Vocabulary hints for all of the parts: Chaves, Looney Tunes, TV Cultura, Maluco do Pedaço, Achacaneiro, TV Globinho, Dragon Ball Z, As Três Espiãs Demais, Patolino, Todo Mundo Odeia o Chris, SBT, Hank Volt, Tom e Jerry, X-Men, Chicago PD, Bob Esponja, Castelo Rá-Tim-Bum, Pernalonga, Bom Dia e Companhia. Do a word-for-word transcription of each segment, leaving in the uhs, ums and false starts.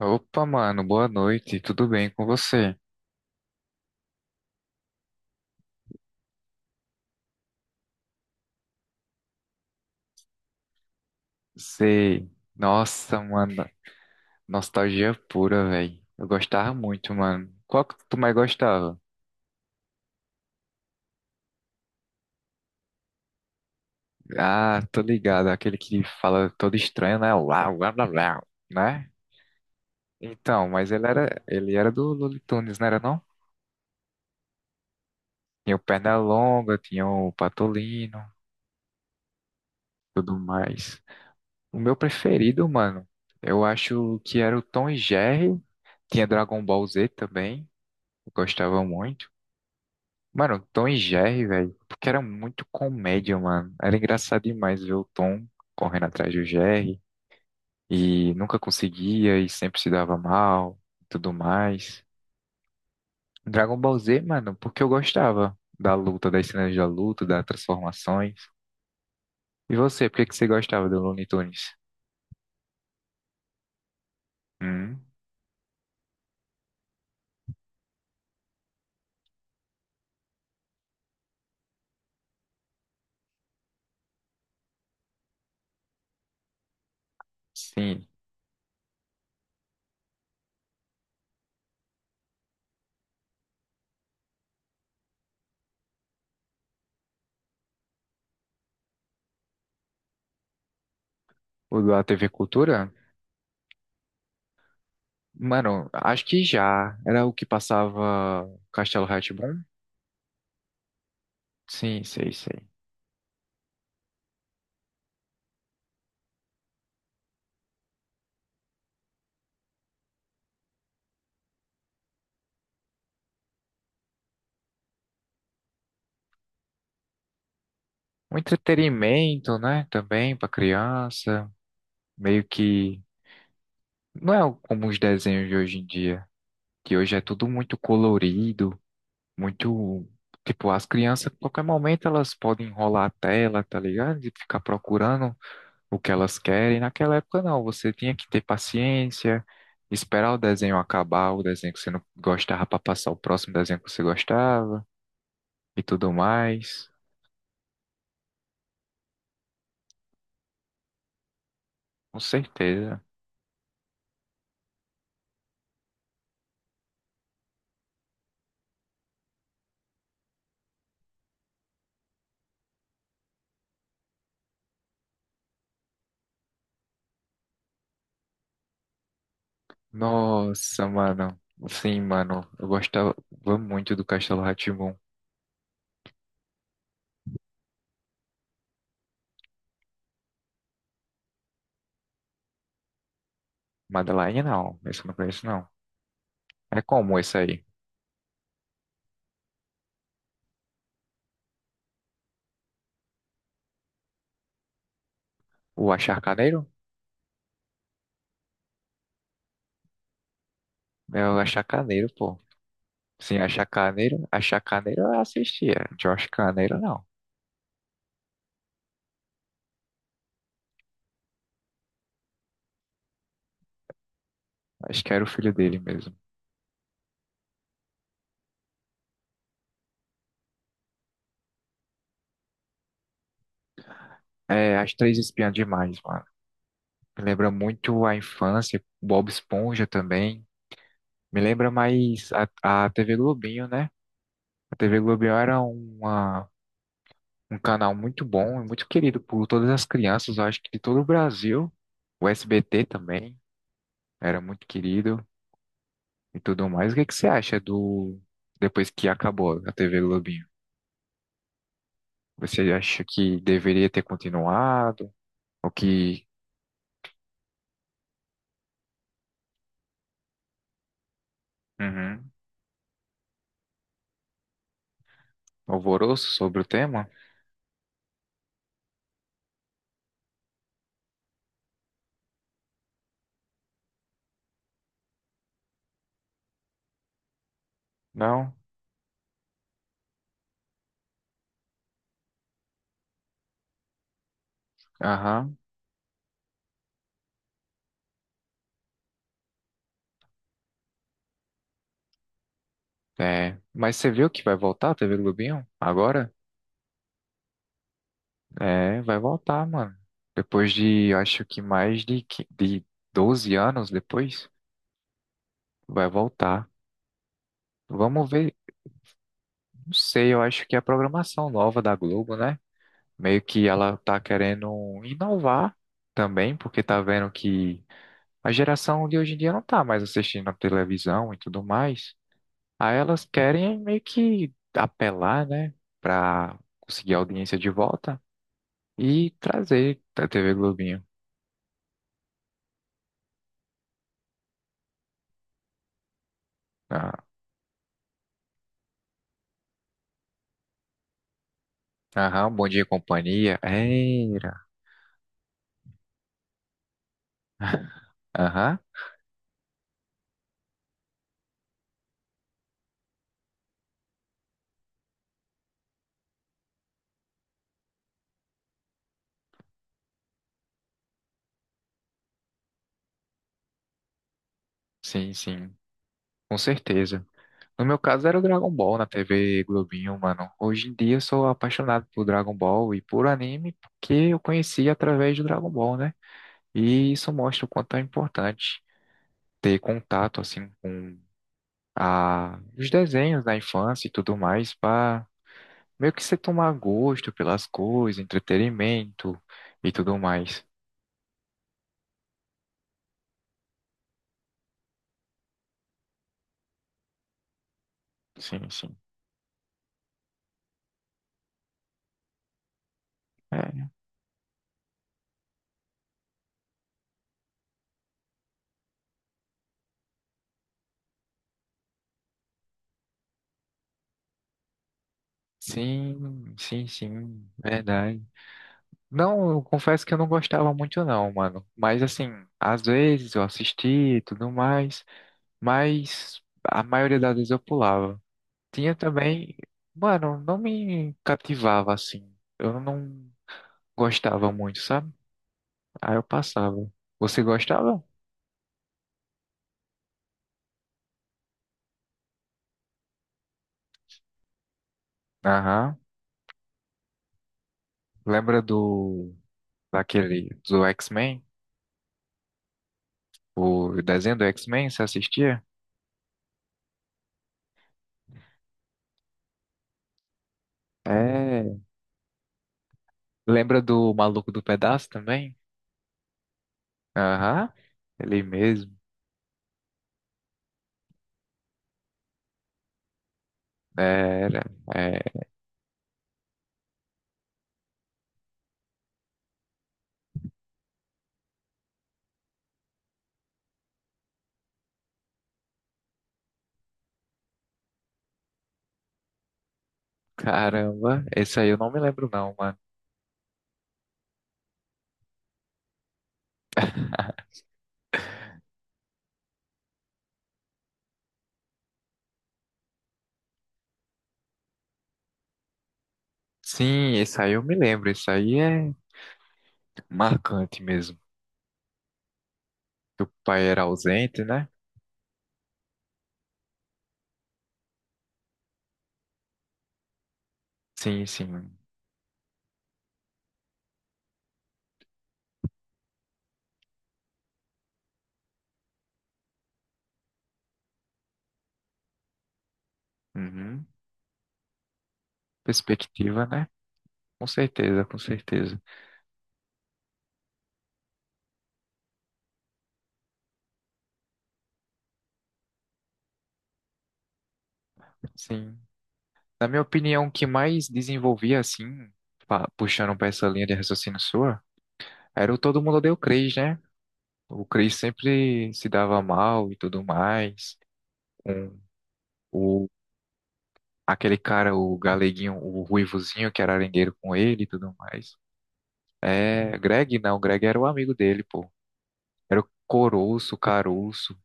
Opa, mano, boa noite, tudo bem com você? Sei. Nossa, mano, nostalgia pura, velho. Eu gostava muito, mano. Qual que tu mais gostava? Ah, tô ligado, aquele que fala todo estranho, né? Lá, lá, lá, lá, né? Então, mas ele era, ele era do Looney Tunes, não era não? Tinha o Pernalonga, tinha o Patolino, tudo mais. O meu preferido, mano, eu acho que era o Tom e Jerry. Tinha Dragon Ball Z também, eu gostava muito. Mano, Tom e Jerry, velho, porque era muito comédia, mano. Era engraçado demais ver o Tom correndo atrás do Jerry e nunca conseguia e sempre se dava mal e tudo mais. Dragon Ball Z, mano, porque eu gostava da luta, das cenas da luta, das transformações. E você, por que que você gostava do Looney Tunes? Hum, sim. O da T V Cultura? Mano, acho que já. Era o que passava Castelo rá tim. Sim, sei, sei. Um entretenimento, né? Também para criança, meio que não é como os desenhos de hoje em dia, que hoje é tudo muito colorido, muito tipo as crianças, a qualquer momento elas podem enrolar a tela, tá ligado? E ficar procurando o que elas querem. Naquela época não, você tinha que ter paciência, esperar o desenho acabar, o desenho que você não gostava para passar o próximo desenho que você gostava e tudo mais. Com certeza. Nossa, mano. Sim, mano. Eu gostava muito do Castelo rá tim. Madeline, não. Esse eu não conheço, não. É como esse aí? O Achacaneiro? É o Achacaneiro, pô. Sim, Achacaneiro. Achacaneiro eu assistia. Josh Carneiro, não. Acho que era o filho dele mesmo. É, As Três Espiãs Demais, mano. Me lembra muito a infância. Bob Esponja também. Me lembra mais a, a T V Globinho, né? A T V Globinho era uma um canal muito bom, é muito querido por todas as crianças, eu acho que de todo o Brasil. O S B T também era muito querido e tudo mais. O que é que você acha do depois que acabou a T V Globinho? Você acha que deveria ter continuado? O que uhum, alvoroço sobre o tema? Não? Aham. É. Mas você viu que vai voltar a T V Globinho agora? É, vai voltar, mano. Depois de, eu acho que mais de, qui- de doze anos depois, vai voltar. Vamos ver, não sei, eu acho que é a programação nova da Globo, né? Meio que ela tá querendo inovar também, porque tá vendo que a geração de hoje em dia não tá mais assistindo a televisão e tudo mais. Aí elas querem meio que apelar, né, pra conseguir a audiência de volta e trazer a T V Globinho. Ah, aham, Bom Dia e Companhia. Era. Aham, sim, sim, com certeza. No meu caso era o Dragon Ball na T V Globinho, mano. Hoje em dia eu sou apaixonado por Dragon Ball e por anime porque eu conheci através do Dragon Ball, né? E isso mostra o quanto é importante ter contato assim com a... os desenhos da infância e tudo mais para meio que você tomar gosto pelas coisas, entretenimento e tudo mais. Sim, sim. É. Sim, sim, sim, verdade. Não, eu confesso que eu não gostava muito não, mano. Mas assim, às vezes eu assistia e tudo mais, mas a maioria das vezes eu pulava. Tinha também, mano, não me cativava assim. Eu não gostava muito, sabe? Aí eu passava. Você gostava? Aham. Lembra do daquele do X-Men? O desenho do X-Men, você assistia? É. Lembra do Maluco do Pedaço também? Aham. Ele mesmo. Era, é, caramba, esse aí eu não me lembro não, mano. Sim, esse aí eu me lembro, esse aí é marcante mesmo. Que o pai era ausente, né? Sim, sim. Uhum. Perspectiva, né? Com certeza, com certeza. Sim. Na minha opinião, o que mais desenvolvia, assim, pa- puxando pra essa linha de raciocínio sua, era o Todo Mundo Odeia o Chris, né? O Chris sempre se dava mal e tudo mais. Com aquele cara, o galeguinho, o ruivozinho que era arengueiro com ele e tudo mais. É, Greg não, Greg era o amigo dele, pô. Era o Coroço, o Caroço.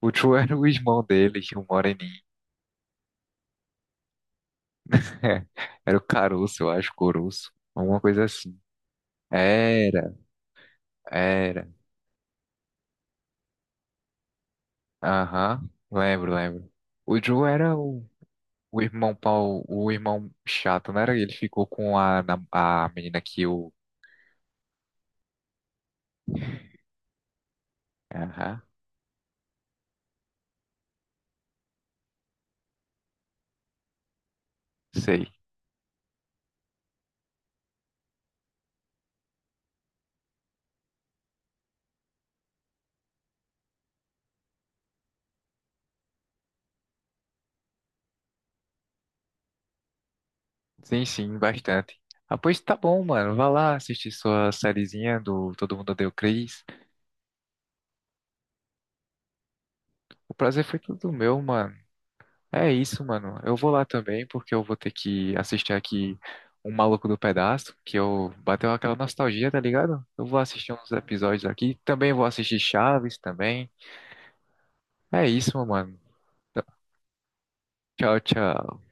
O Tio era o irmão dele, o Moreninho. Era o Caroço, eu acho, Coroço. Alguma coisa assim. Era, era. Aham, lembro, lembro. O Joe era o, o irmão pau, o irmão chato, não era? Ele ficou com a, na- a menina que o. Aham, sei. Sim, sim, bastante. Ah, pois tá bom, mano. Vá lá assistir sua sériezinha do Todo Mundo Odeia o Chris. O prazer foi todo meu, mano. É isso, mano. Eu vou lá também, porque eu vou ter que assistir aqui Um Maluco do Pedaço, que eu bateu aquela nostalgia, tá ligado? Eu vou assistir uns episódios aqui. Também vou assistir Chaves também. É isso, mano. Tchau, tchau.